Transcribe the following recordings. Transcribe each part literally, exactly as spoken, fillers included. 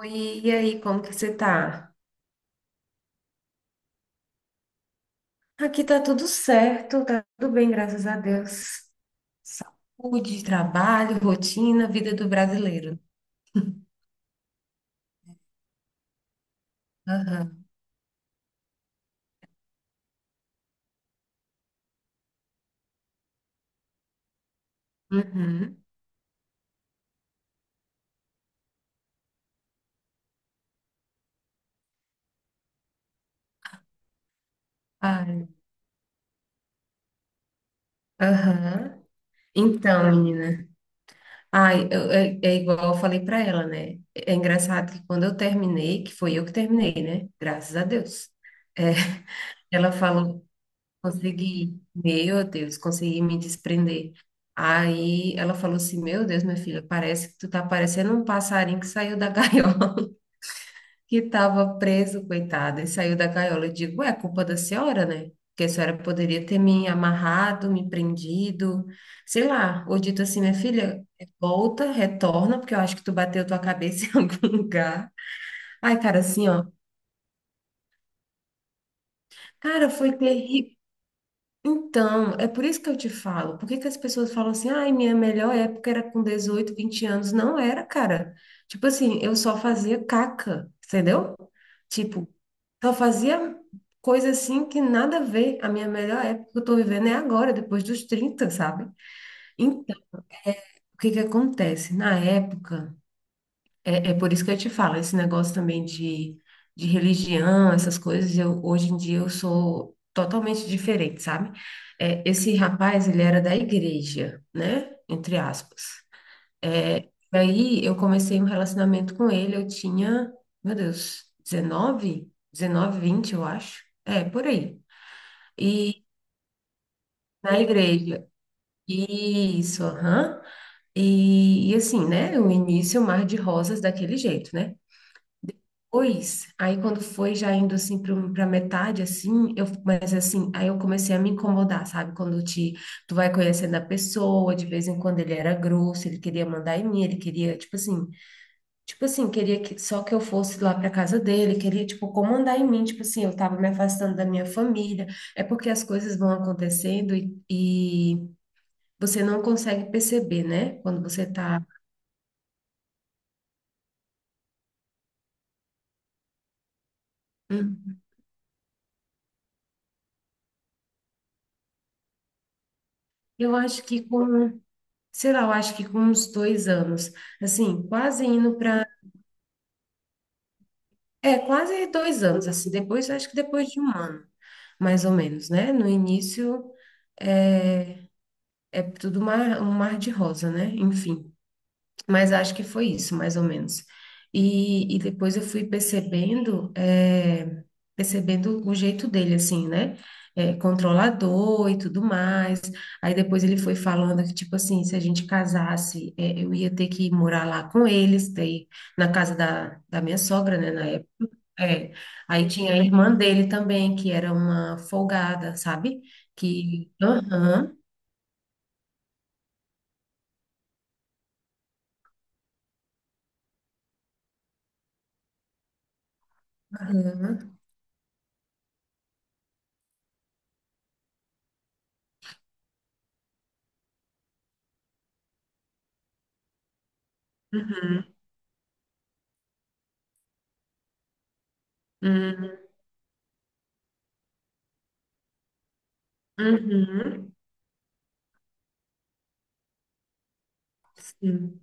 Oi, e aí, como que você tá? Aqui tá tudo certo, tá tudo bem, graças a Deus. Saúde, trabalho, rotina, vida do brasileiro. Aham. Uhum. Ai, aham. Então, menina, ai, eu- é, é igual eu falei pra ela, né? É engraçado que quando eu terminei, que foi eu que terminei, né? Graças a Deus. É, ela falou: Consegui, meu Deus, consegui me desprender. Aí ela falou assim: Meu Deus, minha filha, parece que tu tá parecendo um passarinho que saiu da gaiola, que tava preso, coitado, e saiu da gaiola. Eu digo: É culpa da senhora, né? Porque a senhora poderia ter me amarrado, me prendido, sei lá, ou dito assim: Minha filha, volta, retorna, porque eu acho que tu bateu tua cabeça em algum lugar. Ai, cara, assim, ó, cara, foi terrível. Então, é por isso que eu te falo. Por que que as pessoas falam assim: ai, minha melhor época era com dezoito, vinte anos? Não era, cara. Tipo assim, eu só fazia caca, entendeu? Tipo, só fazia coisa assim que nada a ver. A minha melhor época, que eu tô vivendo, é agora, depois dos trinta, sabe? Então, o que que acontece na época? É, é por isso que eu te falo, esse negócio também de, de religião, essas coisas. Eu hoje em dia eu sou totalmente diferente, sabe? É, esse rapaz, ele era da igreja, né? Entre aspas. É, e aí eu comecei um relacionamento com ele. Eu tinha, meu Deus, dezenove? dezenove, vinte, eu acho. É, por aí. E na igreja. Isso, aham. E, e assim, né? O início, o mar de rosas daquele jeito, né? Pois, aí quando foi já indo assim para metade assim, eu, mas assim, aí eu comecei a me incomodar, sabe? Quando te Tu vai conhecendo a pessoa, de vez em quando ele era grosso, ele queria mandar em mim, ele queria, tipo assim, tipo assim, queria que só que eu fosse lá para casa dele, queria tipo comandar em mim. Tipo assim, eu tava me afastando da minha família. É porque as coisas vão acontecendo e, e você não consegue perceber, né? Quando você tá... Hum. Eu acho que com, sei lá, eu acho que com uns dois anos, assim, quase indo para, é, quase dois anos, assim, depois, acho que depois de um ano, mais ou menos, né? No início é tudo mar, um mar de rosa, né? Enfim. Mas acho que foi isso, mais ou menos. E, e depois eu fui percebendo, eh, percebendo o jeito dele, assim, né? Eh, controlador e tudo mais. Aí depois ele foi falando que, tipo assim, se a gente casasse, eh, eu ia ter que ir morar lá com eles, daí, na casa da, da minha sogra, né, na época. É. Aí tinha a irmã dele também, que era uma folgada, sabe? Que. Aham, aham. Uhum, uhum, uhum. Sim.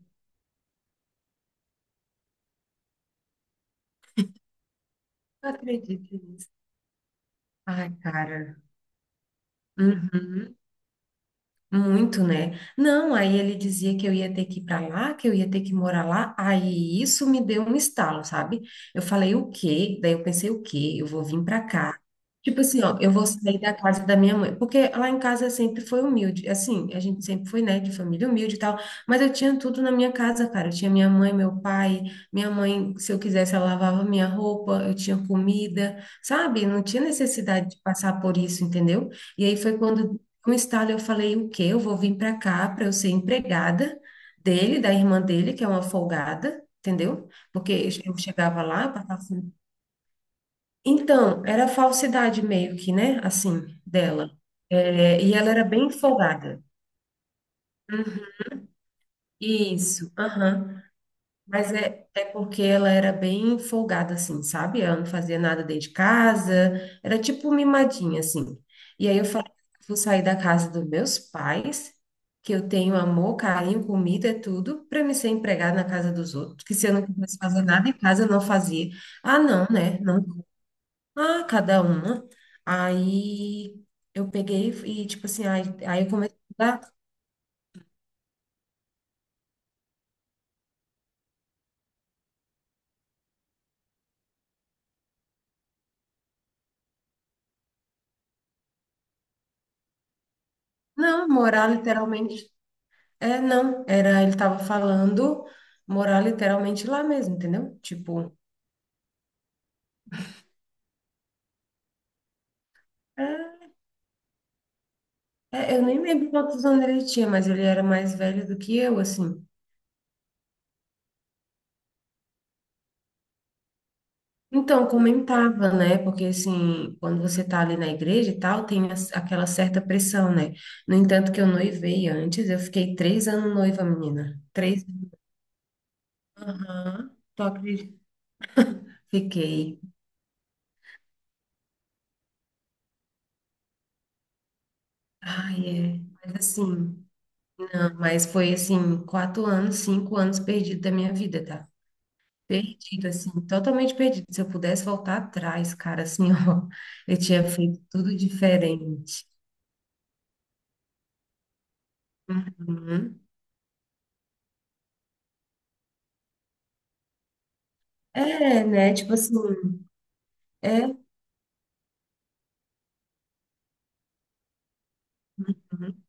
Não acredito nisso. Ai, cara. Uhum. Muito, né? Não, aí ele dizia que eu ia ter que ir para lá, que eu ia ter que morar lá. Aí isso me deu um estalo, sabe? Eu falei: o quê? Daí eu pensei: o quê? Eu vou vir para cá. Tipo assim, ó, eu vou sair da casa da minha mãe, porque lá em casa sempre foi humilde, assim, a gente sempre foi, né, de família humilde e tal, mas eu tinha tudo na minha casa, cara. Eu tinha minha mãe, meu pai, minha mãe, se eu quisesse, ela lavava minha roupa, eu tinha comida, sabe? Não tinha necessidade de passar por isso, entendeu? E aí foi quando um estalo, eu falei: o quê? Eu vou vir para cá para eu ser empregada dele, da irmã dele, que é uma folgada, entendeu? Porque eu chegava lá, passava assim. Então, era falsidade meio que, né? Assim, dela. É, e ela era bem folgada. Uhum. Isso, aham. Mas é, é porque ela era bem folgada, assim, sabe? Ela não fazia nada dentro de casa, era tipo mimadinha, assim. E aí eu falei, vou sair da casa dos meus pais, que eu tenho amor, carinho, comida, é tudo, para me ser empregada na casa dos outros, que se eu não quisesse fazer nada em casa, eu não fazia. Ah, não, né? Não. Ah, cada uma. Aí eu peguei e, tipo assim, aí, aí eu comecei a estudar. Não, morar literalmente. É, não, era, ele tava falando morar literalmente lá mesmo, entendeu? Tipo, é, é, eu nem lembro quantos anos ele tinha, mas ele era mais velho do que eu, assim. Então, comentava, né? Porque, assim, quando você tá ali na igreja e tal, tem as- aquela certa pressão, né? No entanto, que eu noivei antes, eu fiquei três anos noiva, menina. Três anos. Aham, tu acredita? Fiquei. Ai, é. Mas, assim, não, mas foi, assim, quatro anos, cinco anos perdido da minha vida, tá? Perdido, assim, totalmente perdido. Se eu pudesse voltar atrás, cara, assim, ó, eu tinha feito tudo diferente. Uhum. É, né? Tipo assim, é. Uhum.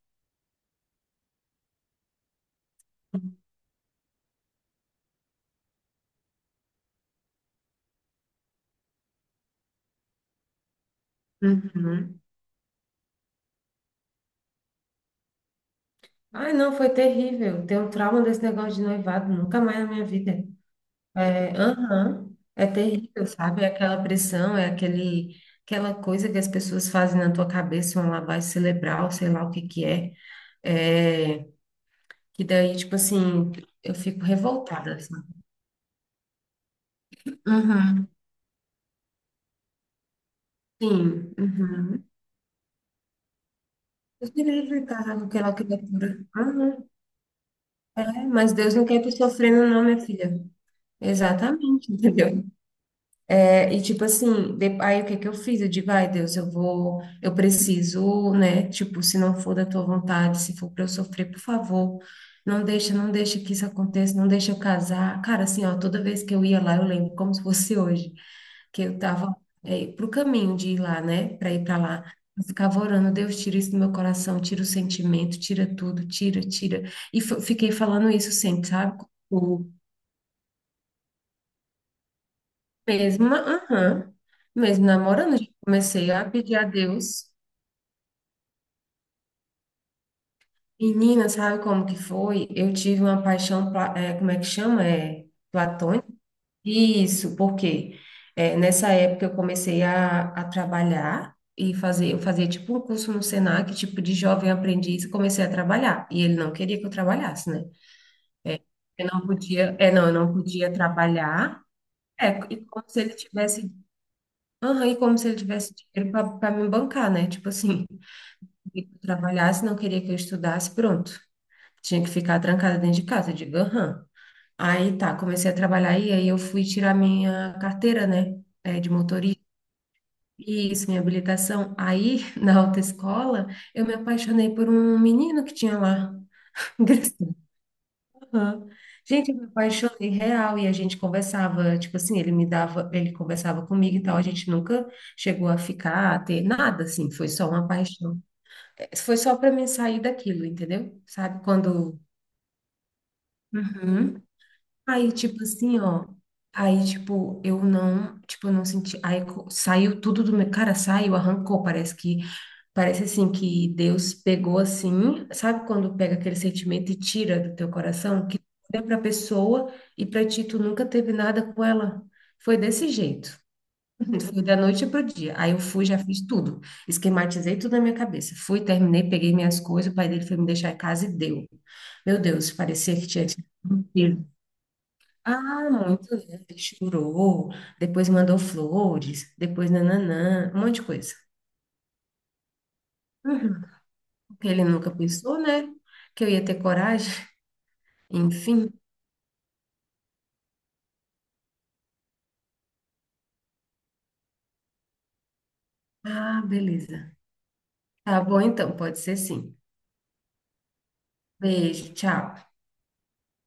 Uhum. Ai, não, foi terrível. Tenho um trauma desse negócio de noivado, nunca mais na minha vida. É, aham, é terrível, sabe? É aquela pressão, é aquele, aquela coisa que as pessoas fazem na tua cabeça, uma lavagem cerebral, sei lá o que que é. É, que daí, tipo assim, eu fico revoltada, assim. Sim. Uhum. Deus me livre, cara, aquela criatura. Uhum. É, mas Deus não quer tu sofrendo, não, minha filha. Exatamente, entendeu? É, e tipo assim, de- aí o que que eu fiz? Eu digo: ai, Deus, eu vou, eu preciso, né? Tipo, se não for da tua vontade, se for pra eu sofrer, por favor, não deixa, não deixa que isso aconteça, não deixa eu casar. Cara, assim, ó, toda vez que eu ia lá, eu lembro como se fosse hoje. Que eu tava, é, pro caminho de ir lá, né? Para ir para lá. Eu ficava orando: Deus, tira isso do meu coração, tira o sentimento, tira tudo, tira, tira. E f- fiquei falando isso sempre, sabe? O mesmo, aham, mesmo namorando, já comecei a pedir a Deus. Menina, sabe como que foi? Eu tive uma paixão, pla- é, como é que chama? É, platônica? Isso, porque eh, nessa época eu comecei a, a trabalhar e fazer, eu fazia tipo um curso no Senac, tipo de jovem aprendiz, e comecei a trabalhar. E ele não queria que eu trabalhasse, né? Eu não podia, é, não, eu não podia trabalhar. É, e como se ele tivesse, aham, e como se ele tivesse dinheiro para me bancar, né? Tipo assim, queria que eu trabalhasse, não queria que eu estudasse, pronto. Tinha que ficar trancada dentro de casa, eu digo, aham. Aí tá, comecei a trabalhar e aí eu fui tirar minha carteira, né? É, de motorista. Isso, minha habilitação. Aí, na autoescola, eu me apaixonei por um menino que tinha lá. Engraçado. Aham. Gente, eu me apaixonei real e a gente conversava, tipo assim, ele me dava, ele conversava comigo e tal, a gente nunca chegou a ficar, a ter nada, assim, foi só uma paixão. É, foi só para mim sair daquilo, entendeu? Sabe, quando... Uhum. Aí, tipo assim, ó. Aí, tipo, eu não, tipo, eu não senti. Aí co- saiu tudo do meu. Cara, saiu, arrancou. Parece que. Parece assim que Deus pegou assim. Sabe quando pega aquele sentimento e tira do teu coração? Que olha pra pessoa e pra ti tu nunca teve nada com ela. Foi desse jeito. Foi da noite pro dia. Aí eu fui, já fiz tudo. Esquematizei tudo na minha cabeça. Fui, terminei, peguei minhas coisas. O pai dele foi me deixar em casa e deu. Meu Deus, parecia que tinha tido um tiro. Ah, muito lindo. Chorou, depois mandou flores, depois nananã, um monte de coisa. Uhum. Porque ele nunca pensou, né? Que eu ia ter coragem. Enfim. Ah, beleza. Tá bom então, pode ser sim. Beijo, tchau.